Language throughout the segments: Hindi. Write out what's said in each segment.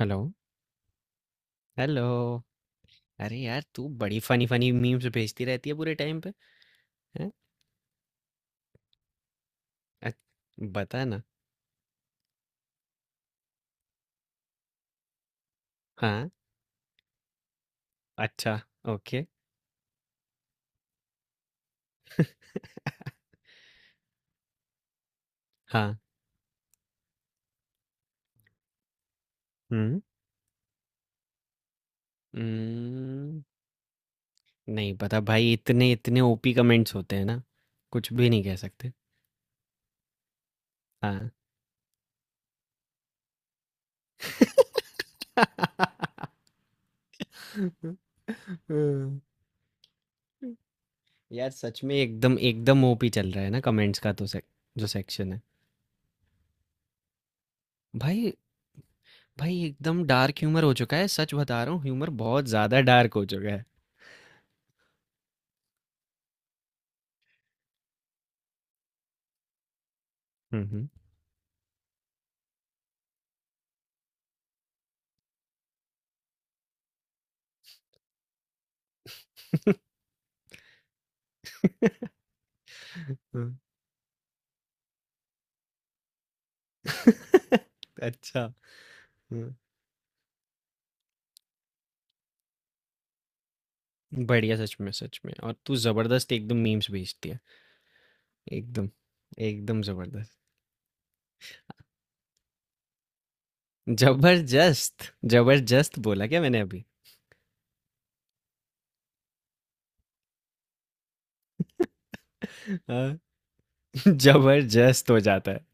हेलो। हेलो। अरे यार, तू बड़ी फ़नी-फ़नी मीम्स भेजती रहती है पूरे टाइम पे, हैं? अच बता ना। हाँ, अच्छा, ओके, हाँ, हुँ। उम्म, नहीं पता भाई इतने इतने ओपी कमेंट्स होते हैं ना, कुछ भी नहीं कह सकते। हाँ। हुँ। यार सच में एकदम एकदम ओपी चल रहा है ना कमेंट्स का तो सेक जो सेक्शन है। भाई भाई एकदम डार्क ह्यूमर हो चुका है, सच बता रहा हूँ ह्यूमर बहुत ज़्यादा डार्क हो चुका है। हुँ, हुँ। हुँ। अच्छा। हुँ। बढ़िया सच में और तू ज़बरदस्त एकदम मीम्स भेजती है। एकदम, एकदम ज़बरदस्त। ज़बरदस्त! ज़बरदस्त बोला क्या मैंने अभी? हाँ। ज़बरदस्त हो जाता है।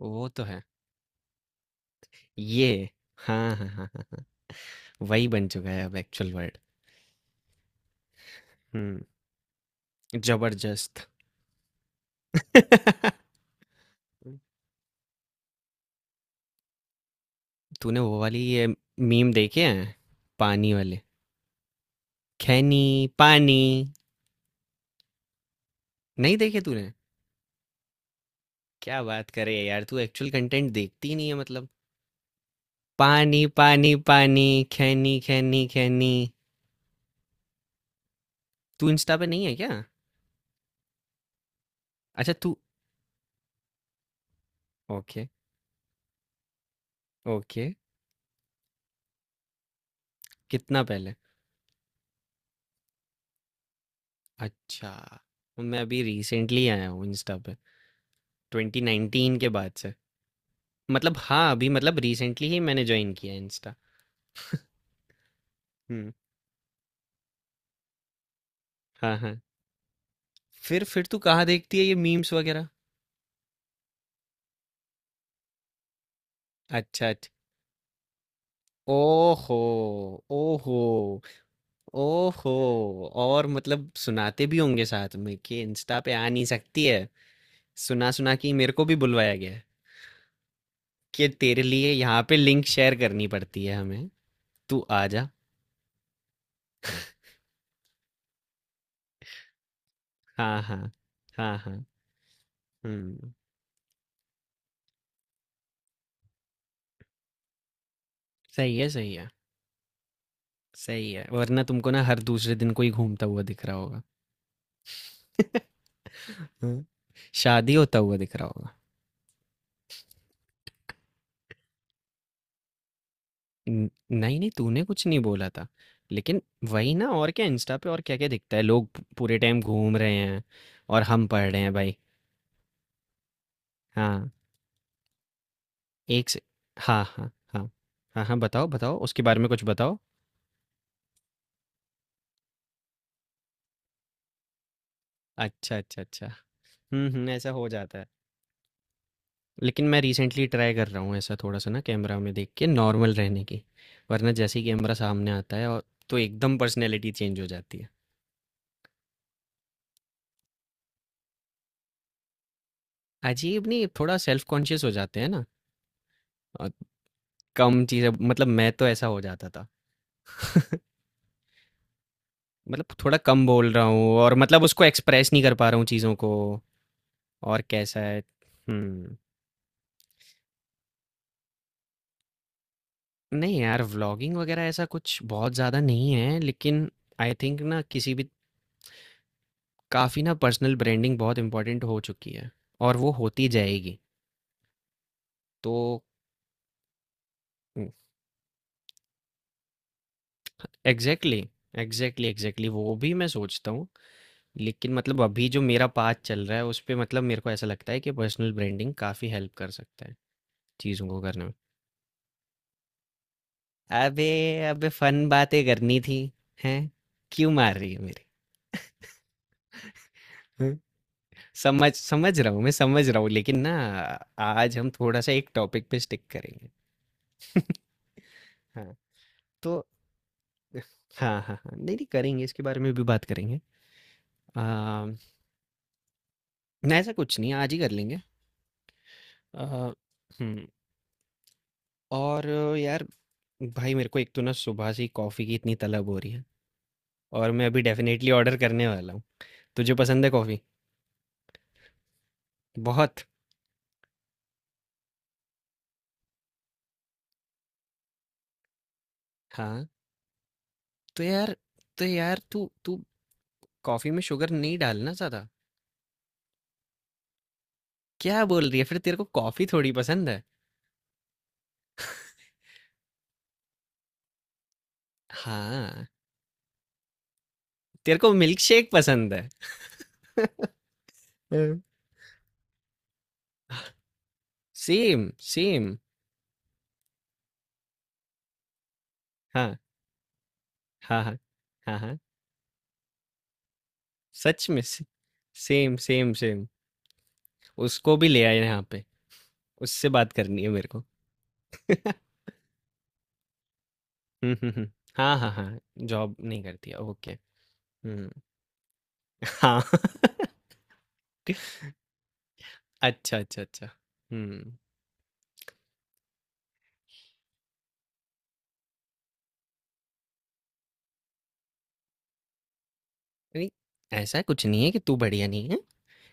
वो तो है। ये हाँ, हाँ, हाँ, हाँ। हाँ। वही बन चुका है अब एक्चुअल वर्ड। हुँ, ज़बरदस्त। हुँ। तूने वो वाली ये मीम देखे हैं? पानी वाले? खैनी, पानी। नहीं देखे तूने? क्या बात करे यार तू एक्चुअल कंटेंट देखती ही नहीं है मतलब। पानी पानी पानी। खैनी खैनी खैनी। तू इंस्टा पे नहीं है क्या? अच्छा तू। Okay, okay. कितना पहले? अच्छा, मैं अभी रिसेंटली आया हूँ इंस्टा पे 2019 के बाद से। मतलब हाँ अभी मतलब रिसेंटली ही मैंने ज्वाइन किया है इंस्टा। हम्म। हाँ हाँ। फिर तू कहाँ देखती है ये मीम्स वगैरह? अच्छा अच्छा। ओहो ओहो ओहो। और मतलब सुनाते भी होंगे साथ में कि इंस्टा पे आ नहीं सकती है। सुना सुना कि मेरे को भी बुलवाया गया है कि तेरे लिए यहाँ पे लिंक शेयर करनी पड़ती है हमें। तू आ जा। हाँ हाँ हाँ हाँ। हम्म। सही है सही है सही है। वरना तुमको ना हर दूसरे दिन कोई घूमता हुआ दिख रहा होगा। हाँ। शादी होता हुआ दिख रहा होगा। नहीं नहीं तूने कुछ नहीं बोला था, लेकिन वही ना। और क्या इंस्टा पे, और क्या क्या दिखता है, लोग पूरे टाइम घूम रहे हैं, और हम पढ़ रहे हैं भाई। हाँ। एक से। हाँ, हाँ, हाँ। हाँ, हाँ, बताओ, बताओ, उसके बारे में कुछ बताओ। अच्छा, अच्छा, अच्छा। हुँ, हुँ, ऐसा हो जाता है। लेकिन मैं रिसेंटली ट्राई कर रहा हूँ ऐसा थोड़ा-सा ना, कैमरा में देख के नॉर्मल रहने की, वरना जैसे ही कैमरा सामने आता है, और तो एकदम पर्सनैलिटी चेंज हो जाती है। अजीब नहीं, थोड़ा सेल्फ कॉन्शियस हो जाते हैं ना। अ, कम चीज़ें, मतलब मैं तो ऐसा हो जाता था। मतलब थोड़ा कम बोल रहा हूँ, और मतलब उसको एक्सप्रेस नहीं कर पा रहा हूँ चीज़ों को। और कैसा है। हुँ। नहीं यार, व्लॉगिंग वगैरह ऐसा कुछ बहुत ज़्यादा नहीं है, लेकिन आई थिंक ना किसी भी, काफ़ी ना पर्सनल ब्रांडिंग बहुत इम्पोर्टेंट हो चुकी है, और वो होती जाएगी, तो। एग्जैक्टली। एग्जैक्टली एग्जैक्टली वो भी मैं सोचता हूँ। लेकिन मतलब अभी जो मेरा पाथ चल रहा है उस पे, मतलब मेरे को ऐसा लगता है कि पर्सनल ब्रांडिंग काफ़ी हेल्प कर सकता है चीज़ों को करने में। अबे अबे फन बातें करनी थी। हैं? क्यों मार रही है? मेरी समझ समझ रहा हूँ, मैं समझ रहा हूँ लेकिन ना, आज हम थोड़ा-सा एक टॉपिक पे स्टिक करेंगे। हाँ, तो। हाँ, हाँ, हाँ। नहीं, नहीं, करेंगे, इसके बारे में भी बात करेंगे। ना ऐसा कुछ नहीं, आज ही कर लेंगे। अ, हुँ, और यार, भाई मेरे को एक तो ना सुबह से ही कॉफ़ी की इतनी तलब हो रही है, और मैं अभी डेफ़िनेटली ऑर्डर करने वाला हूँ। तुझे पसंद है कॉफ़ी? बहुत। हाँ, तो यार तो यार तू तू कॉफ़ी में शुगर नहीं डालना ज़्यादा। क्या बोल रही है? फिर तेरे को कॉफ़ी थोड़ी पसंद है। हाँ। तेरे को मिल्क शेक पसंद है। हाँ, सेम सेम। हाँ हाँ हाँ हाँ हाँ, सच में से, सेम सेम सेम। उसको भी ले आए यहाँ पे, उससे बात करनी है मेरे को। हम्म। हाँ हाँ हाँ। जॉब नहीं करती है, ओके। हम्म, हाँ। अच्छा अच्छा अच्छा। हम्म। नहीं, ऐसा कुछ नहीं है कि तू बढ़िया नहीं है,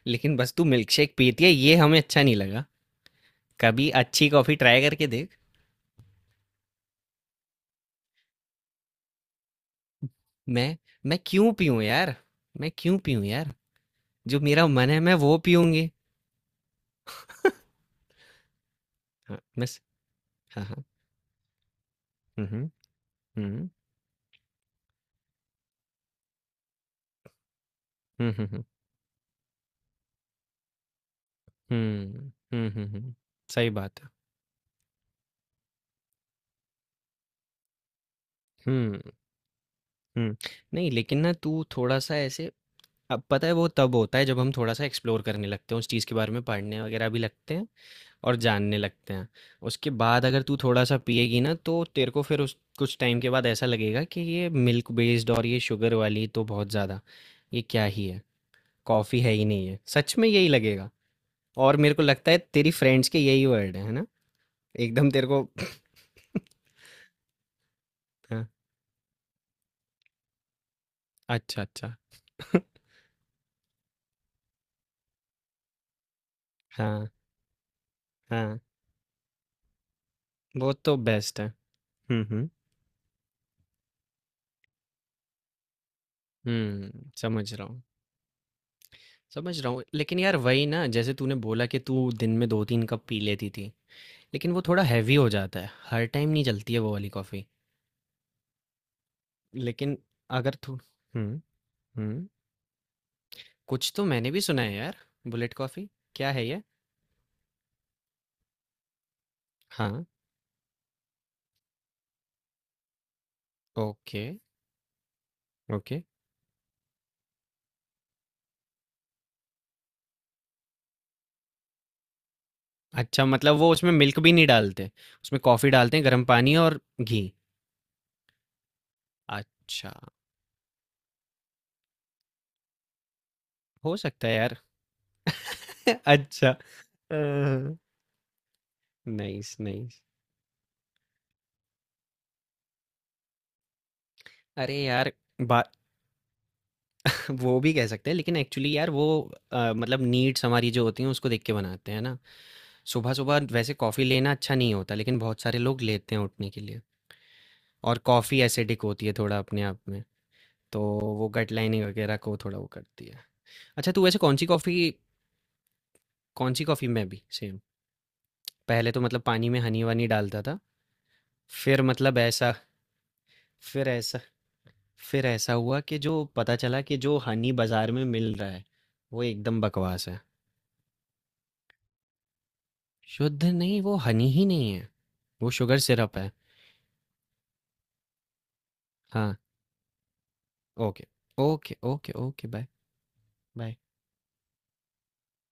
लेकिन बस तू मिल्क शेक पीती है, ये हमें अच्छा नहीं लगा। कभी अच्छी कॉफी ट्राई करके देख। मैं मैं क्यों पीऊँ यार, मैं क्यों पीऊँ यार, जो मेरा मन है मैं वो पीऊँगी। हाँ, बस। हाँ, हाँ। हुँ, हुँ। हुँ, हुँ, हुँ, हुँ। हुँ, हुँ, हुँ, हुँ। सही बात है। हुँ, हुँ। नहीं लेकिन ना तू थोड़ा-सा ऐसे। अब पता है वो तब होता है जब हम थोड़ा-सा एक्सप्लोर करने लगते हैं, उस चीज़ के बारे में पढ़ने वग़ैरह भी लगते हैं, और जानने लगते हैं। उसके बाद अगर तू थोड़ा-सा पिएगी ना, तो तेरे को फिर उस कुछ टाइम के बाद ऐसा लगेगा कि ये मिल्क बेस्ड और ये शुगर वाली तो बहुत ज़्यादा, ये क्या ही है? कॉफ़ी है ही नहीं है। सच में यही लगेगा। और मेरे को लगता है तेरी फ्रेंड्स के यही वर्ड है ना? एकदम तेरे को। हाँ, अच्छा अच्छा। हाँ हाँ, वो तो बेस्ट है। हम्म हम्म हम्म, समझ रहा हूँ। समझ रहा हूँ लेकिन यार, वही ना, जैसे तूने बोला कि तू दिन में दो तीन कप पी लेती थी, लेकिन वो थोड़ा हैवी हो जाता है, हर टाइम नहीं चलती है वो वाली कॉफ़ी। लेकिन अगर तू। हम्म हम्म। कुछ तो मैंने भी सुना है यार, बुलेट कॉफ़ी। क्या है ये? हाँ। Okay, okay. अच्छा, मतलब वो उसमें मिल्क भी नहीं डालते? उसमें कॉफ़ी डालते हैं, गर्म पानी और घी? अच्छा, हो सकता है यार। अच्छा। अ, नाइस, नाइस। अरे यार, बा वो भी कह सकते हैं, लेकिन एक्चुअली यार वो, मतलब नीड्स हमारी जो होती हैं, उसको देख के बनाते हैं, है ना? सुबह-सुबह वैसे कॉफ़ी लेना अच्छा नहीं होता, लेकिन बहुत सारे लोग लेते हैं उठने के लिए। और कॉफ़ी एसिडिक होती है थोड़ा अपने आप में, तो वो गट लाइनिंग वगैरह को थोड़ा वो करती है। अच्छा, तू वैसे कौन-सी कॉफ़ी में अभी सेम? पहले तो मतलब पानी में हनी-वनी डालता था। फिर मतलब ऐसा फिर ऐसा फिर ऐसा हुआ कि जो पता चला कि जो हनी बाज़ार में मिल रहा है, वो एकदम बकवास है। शुद्ध नहीं, वो हनी ही नहीं है, वो शुगर सिरप है। हाँ, okay, okay, okay, okay, bye, bye.